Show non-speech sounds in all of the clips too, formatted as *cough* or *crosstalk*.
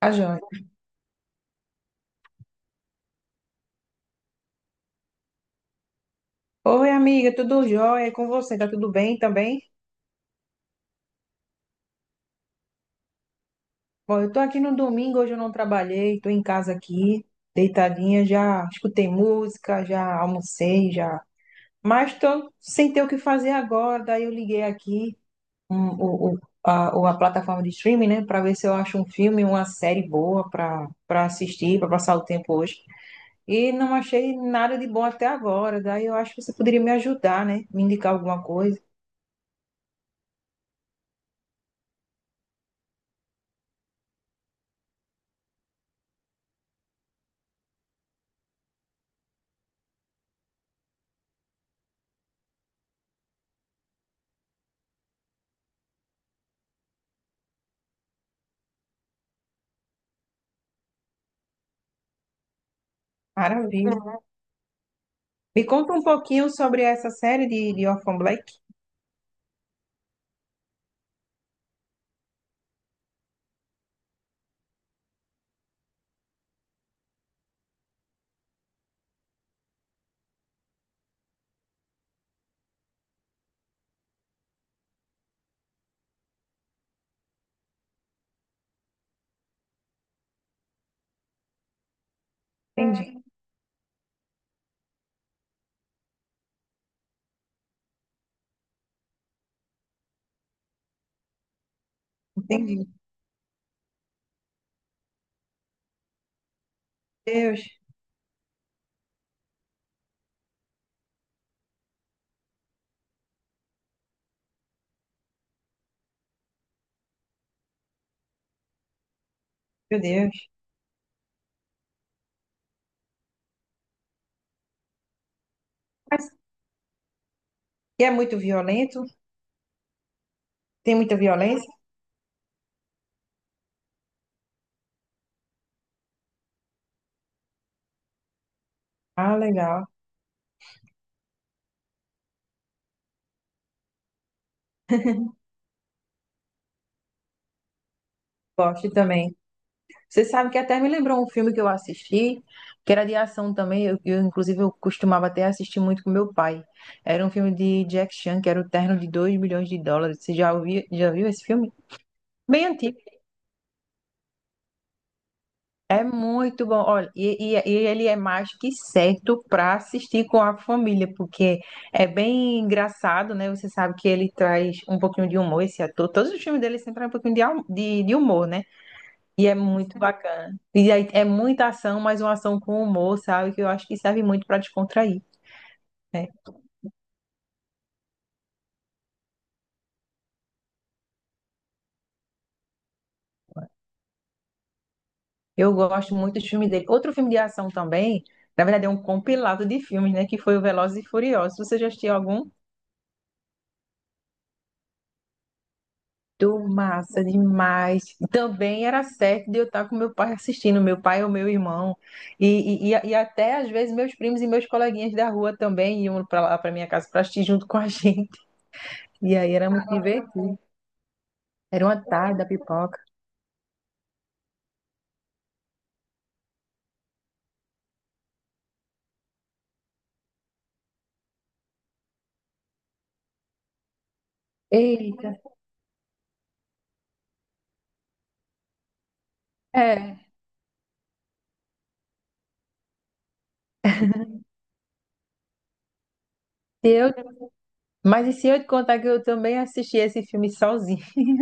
Tá joia. Oi, amiga, tudo jóia? E com você? Tá tudo bem também? Bom, eu tô aqui no domingo, hoje eu não trabalhei, tô em casa aqui, deitadinha, já escutei música, já almocei, já. Mas tô sem ter o que fazer agora, daí eu liguei aqui a plataforma de streaming, né, pra ver se eu acho um filme, uma série boa pra assistir, pra passar o tempo hoje. E não achei nada de bom até agora, daí eu acho que você poderia me ajudar, né, me indicar alguma coisa. Maravilha. Me conta um pouquinho sobre essa série de Orphan Black. Entendi, entendi. Deus, meu Deus. Mas e é muito violento? Tem muita violência? Ah, legal. Gosto também. Você sabe que até me lembrou um filme que eu assisti, que era de ação também. Inclusive, eu costumava até assistir muito com meu pai. Era um filme de Jack Chan, que era o Terno de Dois milhões de dólares. Você já ouviu, já viu esse filme? Bem antigo. É muito bom. Olha, e ele é mais que certo para assistir com a família, porque é bem engraçado, né? Você sabe que ele traz um pouquinho de humor, esse ator. Todos os filmes dele sempre trazem um pouquinho de humor, né? E é muito bacana. E aí é muita ação, mas uma ação com humor, sabe? Que eu acho que serve muito para descontrair, né? Eu gosto muito dos filmes dele. Outro filme de ação também, na verdade, é um compilado de filmes, né? Que foi o Velozes e Furiosos. Você já assistiu algum? Tô massa demais. Também era certo de eu estar com meu pai assistindo, meu pai ou meu irmão. E até às vezes meus primos e meus coleguinhas da rua também iam para lá para minha casa para assistir junto com a *laughs* gente. E aí era muito divertido. Era uma tarde da pipoca. Eita, é. Se eu... Mas e se eu te contar que eu também assisti esse filme sozinho? *laughs*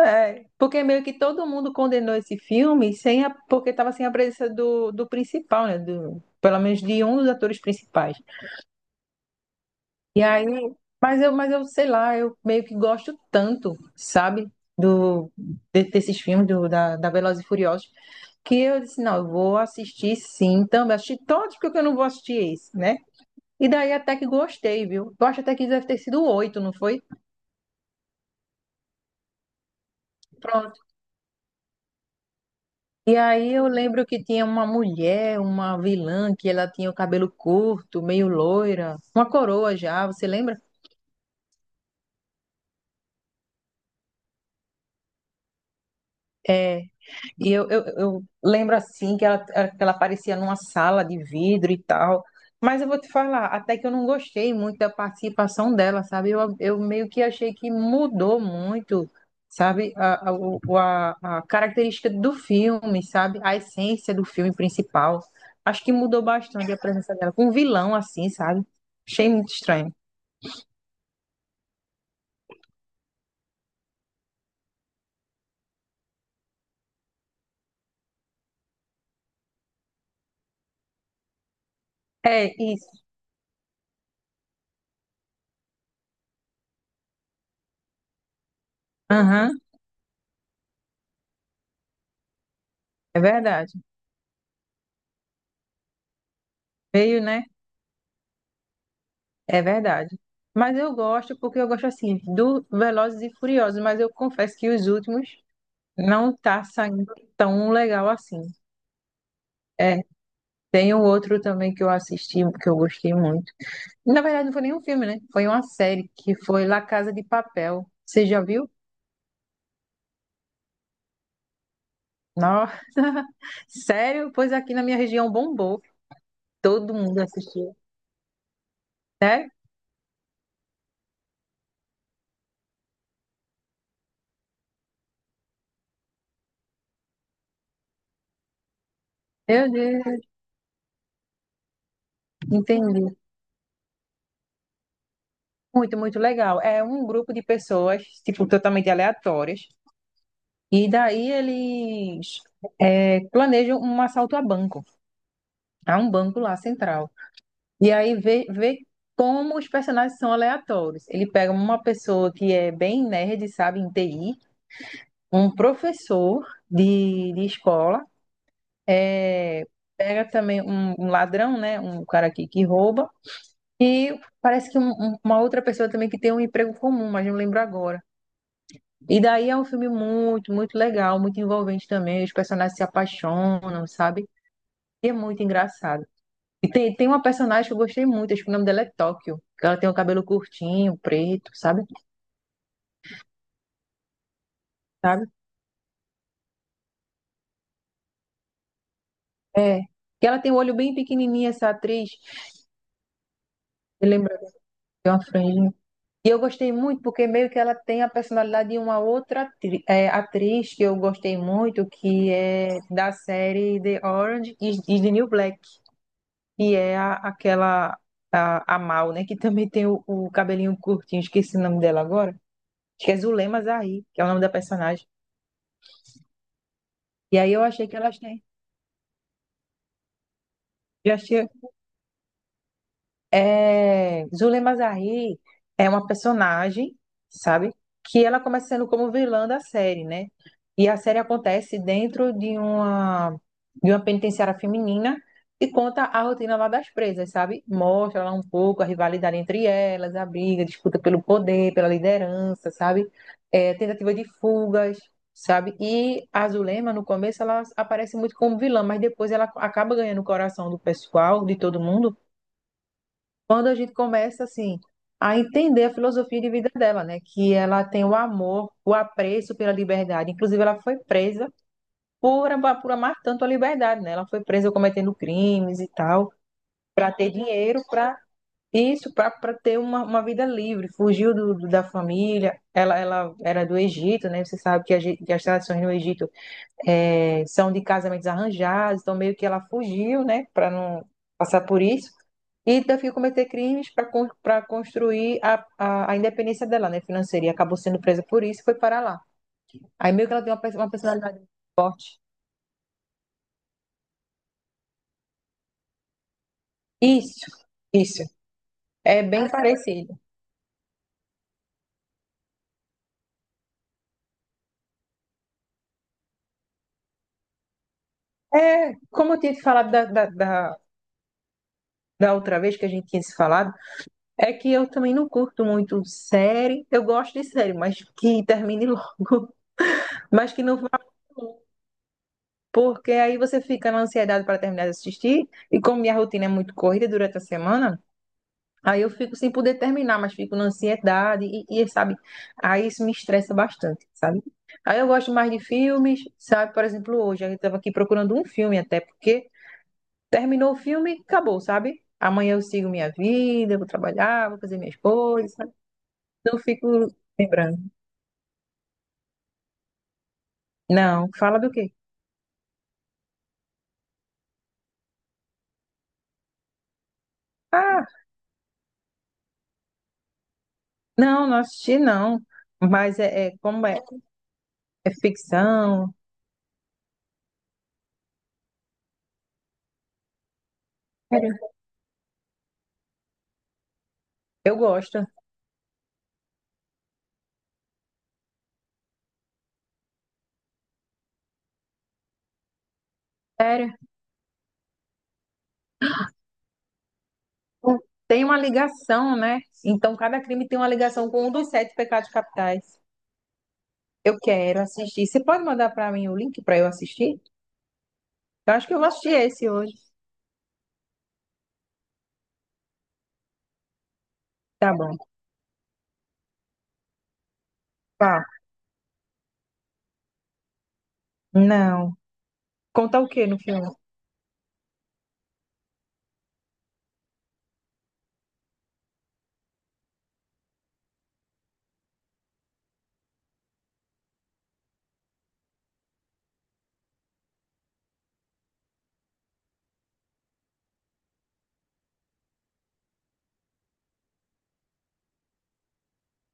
É. Porque meio que todo mundo condenou esse filme sem a... porque estava sem a presença do principal, né? Do... Pelo menos de um dos atores principais. E aí, mas eu sei lá, eu meio que gosto tanto, sabe, do desses filmes da Velozes e Furiosos, que eu disse, não, eu vou assistir sim, também assisti todos porque eu não vou assistir esse, né? E daí até que gostei, viu? Eu acho até que deve ter sido oito, não foi? Pronto. E aí eu lembro que tinha uma mulher, uma vilã, que ela tinha o cabelo curto, meio loira, uma coroa já, você lembra? É, e eu lembro assim que ela aparecia numa sala de vidro e tal. Mas eu vou te falar, até que eu não gostei muito da participação dela, sabe? Eu meio que achei que mudou muito, sabe? A característica do filme, sabe? A essência do filme principal. Acho que mudou bastante a presença dela. Com um vilão assim, sabe? Achei muito estranho. É isso. Aham, é verdade. Veio, né? É verdade. Mas eu gosto porque eu gosto assim do Velozes e Furiosos, mas eu confesso que os últimos não tá saindo tão legal assim. É, tem um outro também que eu assisti, que eu gostei muito. Na verdade, não foi nem um filme, né? Foi uma série que foi La Casa de Papel. Você já viu? Nossa, *laughs* sério? Pois aqui na minha região bombou. Todo mundo assistiu. Sério? Meu Deus, entendi. Muito, muito legal. É um grupo de pessoas, tipo, totalmente aleatórias. E daí eles planejam um assalto a banco, a um banco lá central. E aí vê como os personagens são aleatórios. Ele pega uma pessoa que é bem nerd, sabe, em TI, um professor de escola, é, pega também um ladrão, né, um cara que rouba, e parece que uma outra pessoa também que tem um emprego comum, mas não lembro agora. E daí é um filme muito legal, muito envolvente também. Os personagens se apaixonam, sabe? É muito engraçado. E tem uma personagem que eu gostei muito, acho que o nome dela é Tóquio. Que Ela tem o cabelo curtinho, preto, sabe? Sabe? É, que ela tem o olho bem pequenininho, essa atriz. Me lembra de uma franjinha. E eu gostei muito porque meio que ela tem a personalidade de uma outra atriz que eu gostei muito, que é da série The Orange is the New Black, que é a, aquela, a Mal, né? Que também tem o cabelinho curtinho, esqueci o nome dela agora. Acho que é Zulema Zahir, que é o nome da personagem. E aí eu achei que elas têm. Já achei, é, Zulema Zahir é uma personagem, sabe? Que ela começa sendo como vilã da série, né? E a série acontece dentro de uma penitenciária feminina e conta a rotina lá das presas, sabe? Mostra lá um pouco a rivalidade entre elas, a briga, a disputa pelo poder, pela liderança, sabe? É, tentativa de fugas, sabe? E a Zulema, no começo, ela aparece muito como vilã, mas depois ela acaba ganhando o coração do pessoal, de todo mundo quando a gente começa assim a entender a filosofia de vida dela, né? Que ela tem o amor, o apreço pela liberdade. Inclusive, ela foi presa por amar tanto a liberdade, né? Ela foi presa cometendo crimes e tal, para ter dinheiro, para isso, para ter uma vida livre. Fugiu da família. Ela era do Egito, né? Você sabe que, que as tradições no Egito é, são de casamentos arranjados, então meio que ela fugiu, né, para não passar por isso. E teve que cometer crimes para para construir a independência dela, né, financeira. E acabou sendo presa por isso e foi para lá. Aí meio que ela tem uma, uma personalidade forte. Isso, isso. É bem parecido. É, como eu tinha te falado da outra vez que a gente tinha se falado, é que eu também não curto muito série. Eu gosto de série, mas que termine *laughs* logo. Mas que não vá. Porque aí você fica na ansiedade para terminar de assistir, e como minha rotina é muito corrida durante a semana, aí eu fico sem poder terminar, mas fico na ansiedade, e, sabe, aí isso me estressa bastante, sabe? Aí eu gosto mais de filmes, sabe? Por exemplo, hoje eu estava aqui procurando um filme até, porque terminou o filme, acabou, sabe? Amanhã eu sigo minha vida, vou trabalhar, vou fazer minhas coisas, sabe? Não fico lembrando. Não, fala do quê? Ah, não, não assisti não. Mas é, é como é, é ficção, sério, eu gosto. Sério. Tem uma ligação, né? Então, cada crime tem uma ligação com um dos sete pecados capitais. Eu quero assistir. Você pode mandar para mim o link para eu assistir? Eu acho que eu vou assistir esse hoje. Tá bom. Tá. Não. Conta o que no filme?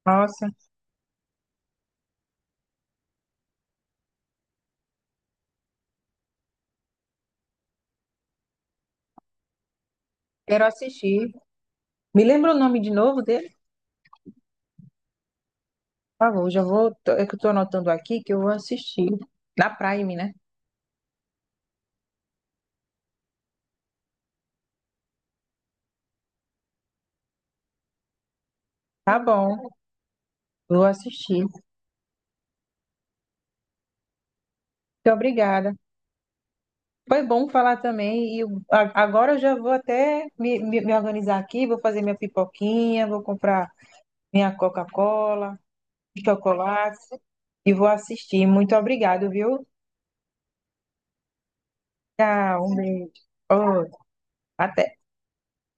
Nossa, quero assistir. Me lembra o nome de novo dele? Por favor, já vou. É que eu tô anotando aqui que eu vou assistir. Na Prime, né? Tá bom. Vou assistir. Muito obrigada. Foi bom falar também. Agora eu já vou até me organizar aqui, vou fazer minha pipoquinha, vou comprar minha Coca-Cola, chocolate e vou assistir. Muito obrigado, viu? Tchau, um beijo. Outro. Até.